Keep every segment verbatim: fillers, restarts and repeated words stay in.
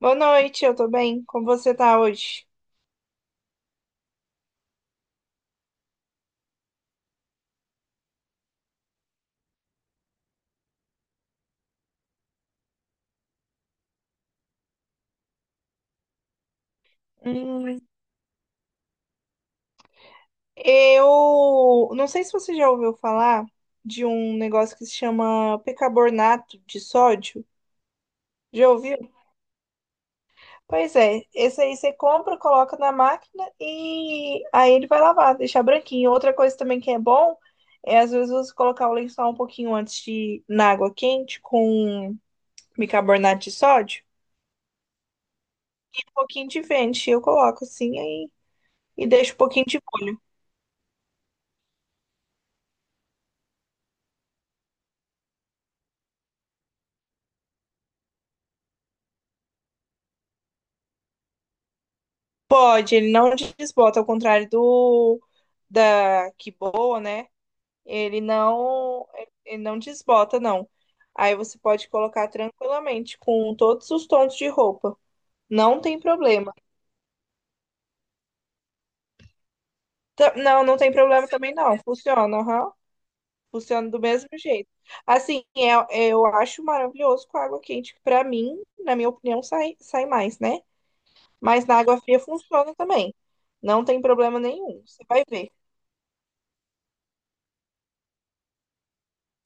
Boa noite, eu tô bem. Como você tá hoje? Hum, Eu não sei se você já ouviu falar de um negócio que se chama bicarbonato de sódio. Já ouviu? Pois é, esse aí você compra, coloca na máquina e aí ele vai lavar, deixar branquinho. Outra coisa também que é bom é às vezes você colocar o lençol um pouquinho antes de na água quente com bicarbonato de sódio, um pouquinho de vento, eu coloco assim aí e deixo um pouquinho de. Pode, ele não desbota, ao contrário do da que boa, né? Ele não, ele não desbota, não. Aí você pode colocar tranquilamente com todos os tons de roupa. Não tem problema. Ta- Não, não tem problema também, não. Funciona, aham. Funciona do mesmo jeito. Assim, eu eu acho maravilhoso com água quente. Que Pra mim, na minha opinião, sai, sai mais, né? Mas na água fria funciona também. Não tem problema nenhum. Você vai ver.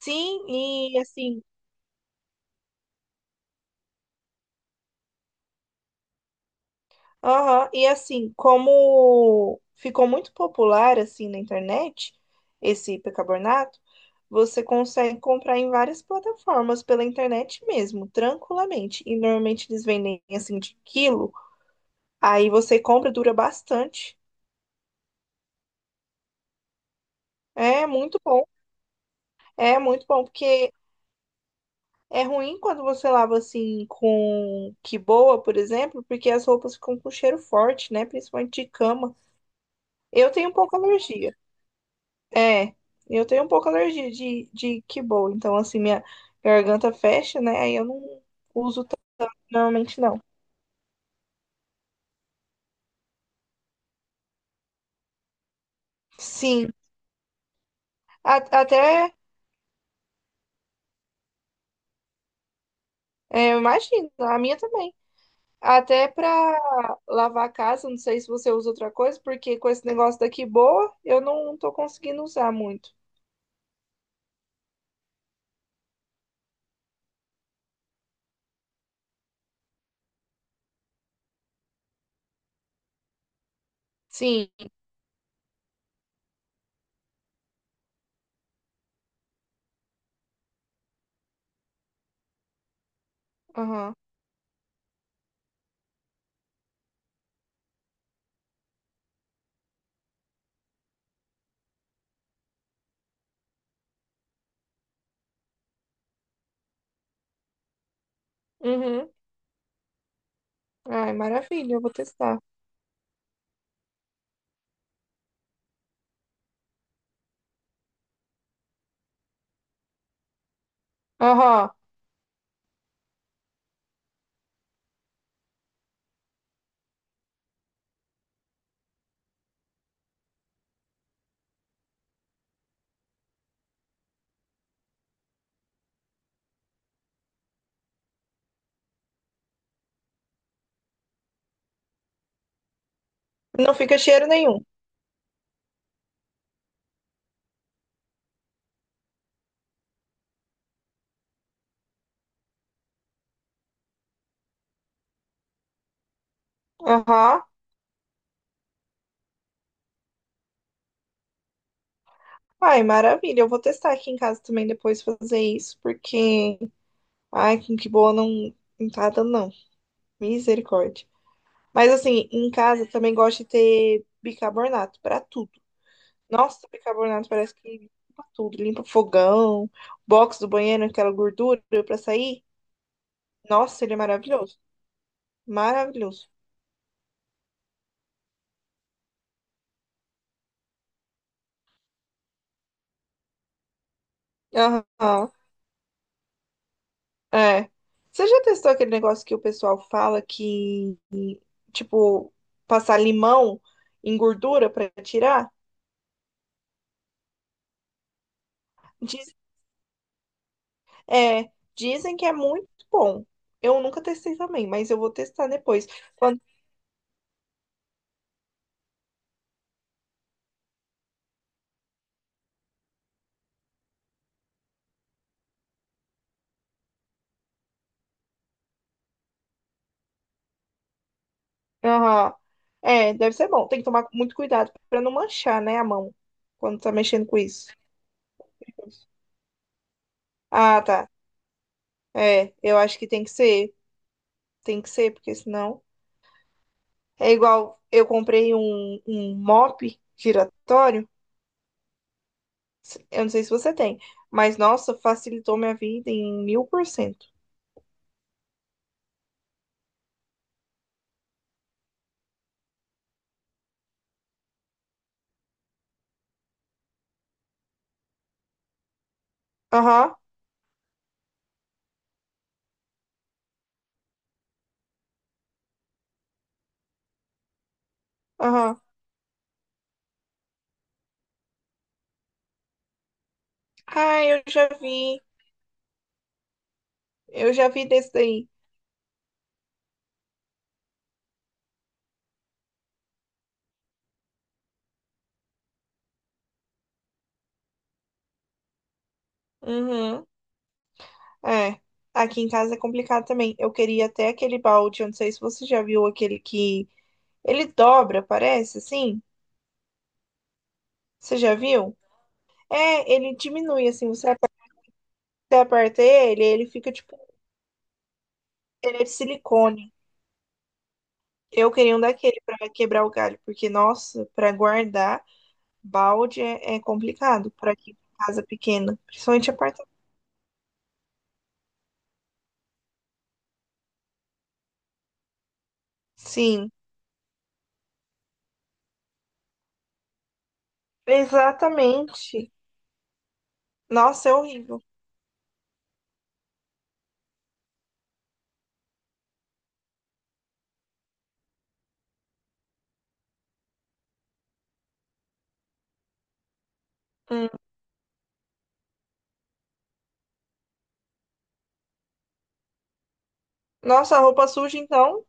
Sim, e assim, aham, e assim, como ficou muito popular assim na internet, esse bicarbonato, você consegue comprar em várias plataformas pela internet mesmo, tranquilamente. E normalmente eles vendem assim de quilo, aí você compra, dura bastante. É muito bom, é muito bom, porque é ruim quando você lava assim com que boa, por exemplo, porque as roupas ficam com cheiro forte, né? Principalmente de cama. Eu tenho um pouco alergia. É, eu tenho um pouco alergia de, de kibble, então assim, minha garganta fecha, né? Aí eu não uso tanto, normalmente não. Sim, a- até, é, eu imagino, a minha também. Até pra lavar a casa, não sei se você usa outra coisa, porque com esse negócio daqui boa, eu não tô conseguindo usar muito. Sim, aham. Uhum. Ai, maravilha, eu vou testar. Aham. Não fica cheiro nenhum. Aham. Ai, maravilha. Eu vou testar aqui em casa também depois fazer isso, porque ai, com que boa não entrada não. Misericórdia. Mas assim, em casa também gosto de ter bicarbonato pra tudo. Nossa, bicarbonato parece que limpa tudo, limpa fogão, box do banheiro, aquela gordura pra sair. Nossa, ele é maravilhoso. Maravilhoso. Aham. É. Você já testou aquele negócio que o pessoal fala que, tipo, passar limão em gordura pra tirar? É, dizem que é muito bom. Eu nunca testei também, mas eu vou testar depois. Quando... aham. É, deve ser bom. Tem que tomar muito cuidado pra não manchar, né, a mão quando tá mexendo com isso. Ah, tá. É, eu acho que tem que ser. Tem que ser, porque senão. É igual eu comprei um, um mop giratório. Eu não sei se você tem, mas nossa, facilitou minha vida em mil por cento. Aham, aham. Ah, eu já vi. Eu já vi desse daí. Uhum. É. Aqui em casa é complicado também. Eu queria até aquele balde, eu não sei se você já viu aquele que ele dobra, parece, assim. Você já viu? É, ele diminui, assim, você aperta, você aperta ele, ele fica tipo, ele é de silicone. Eu queria um daquele pra quebrar o galho, porque, nossa, pra guardar balde é, é complicado pra aqui tem casa pequena, principalmente apartamento. Sim, exatamente. Nossa, é horrível. Hum. Nossa, a roupa suja, então.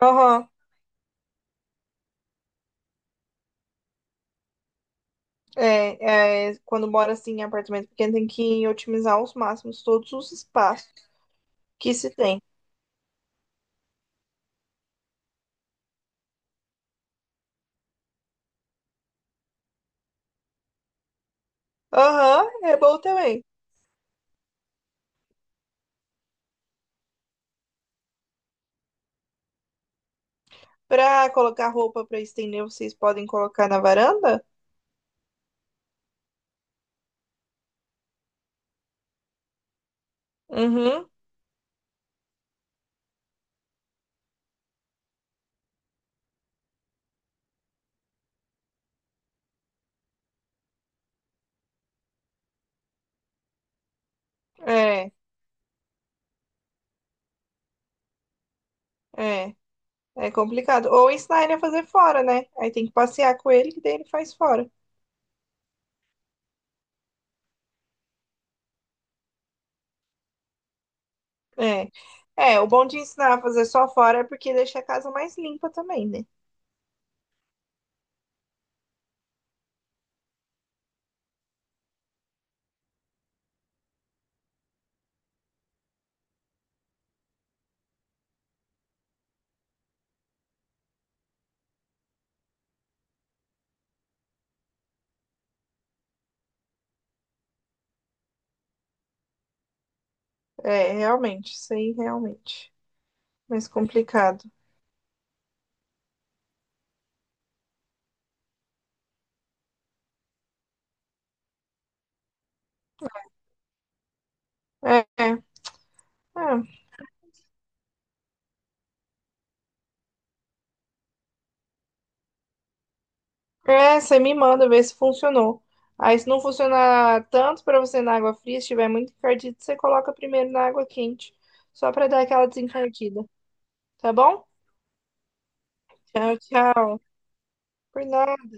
Aham. É, é, quando mora assim em apartamento pequeno, tem que otimizar aos máximos todos os espaços que se tem. Aham, é bom também. Pra colocar roupa pra estender, vocês podem colocar na varanda? Uhum. É, é. É complicado. Ou ensinar ele a fazer fora, né? Aí tem que passear com ele, que daí ele faz fora. É. É, o bom de ensinar a fazer só fora é porque deixa a casa mais limpa também, né? É, realmente. Isso aí, realmente. É Mais complicado. É, é. É. É, você me manda ver se funcionou. Aí, se não funcionar tanto pra você na água fria, se estiver muito encardido, você coloca primeiro na água quente, só pra dar aquela desencardida. Tá bom? Tchau, tchau. Por nada.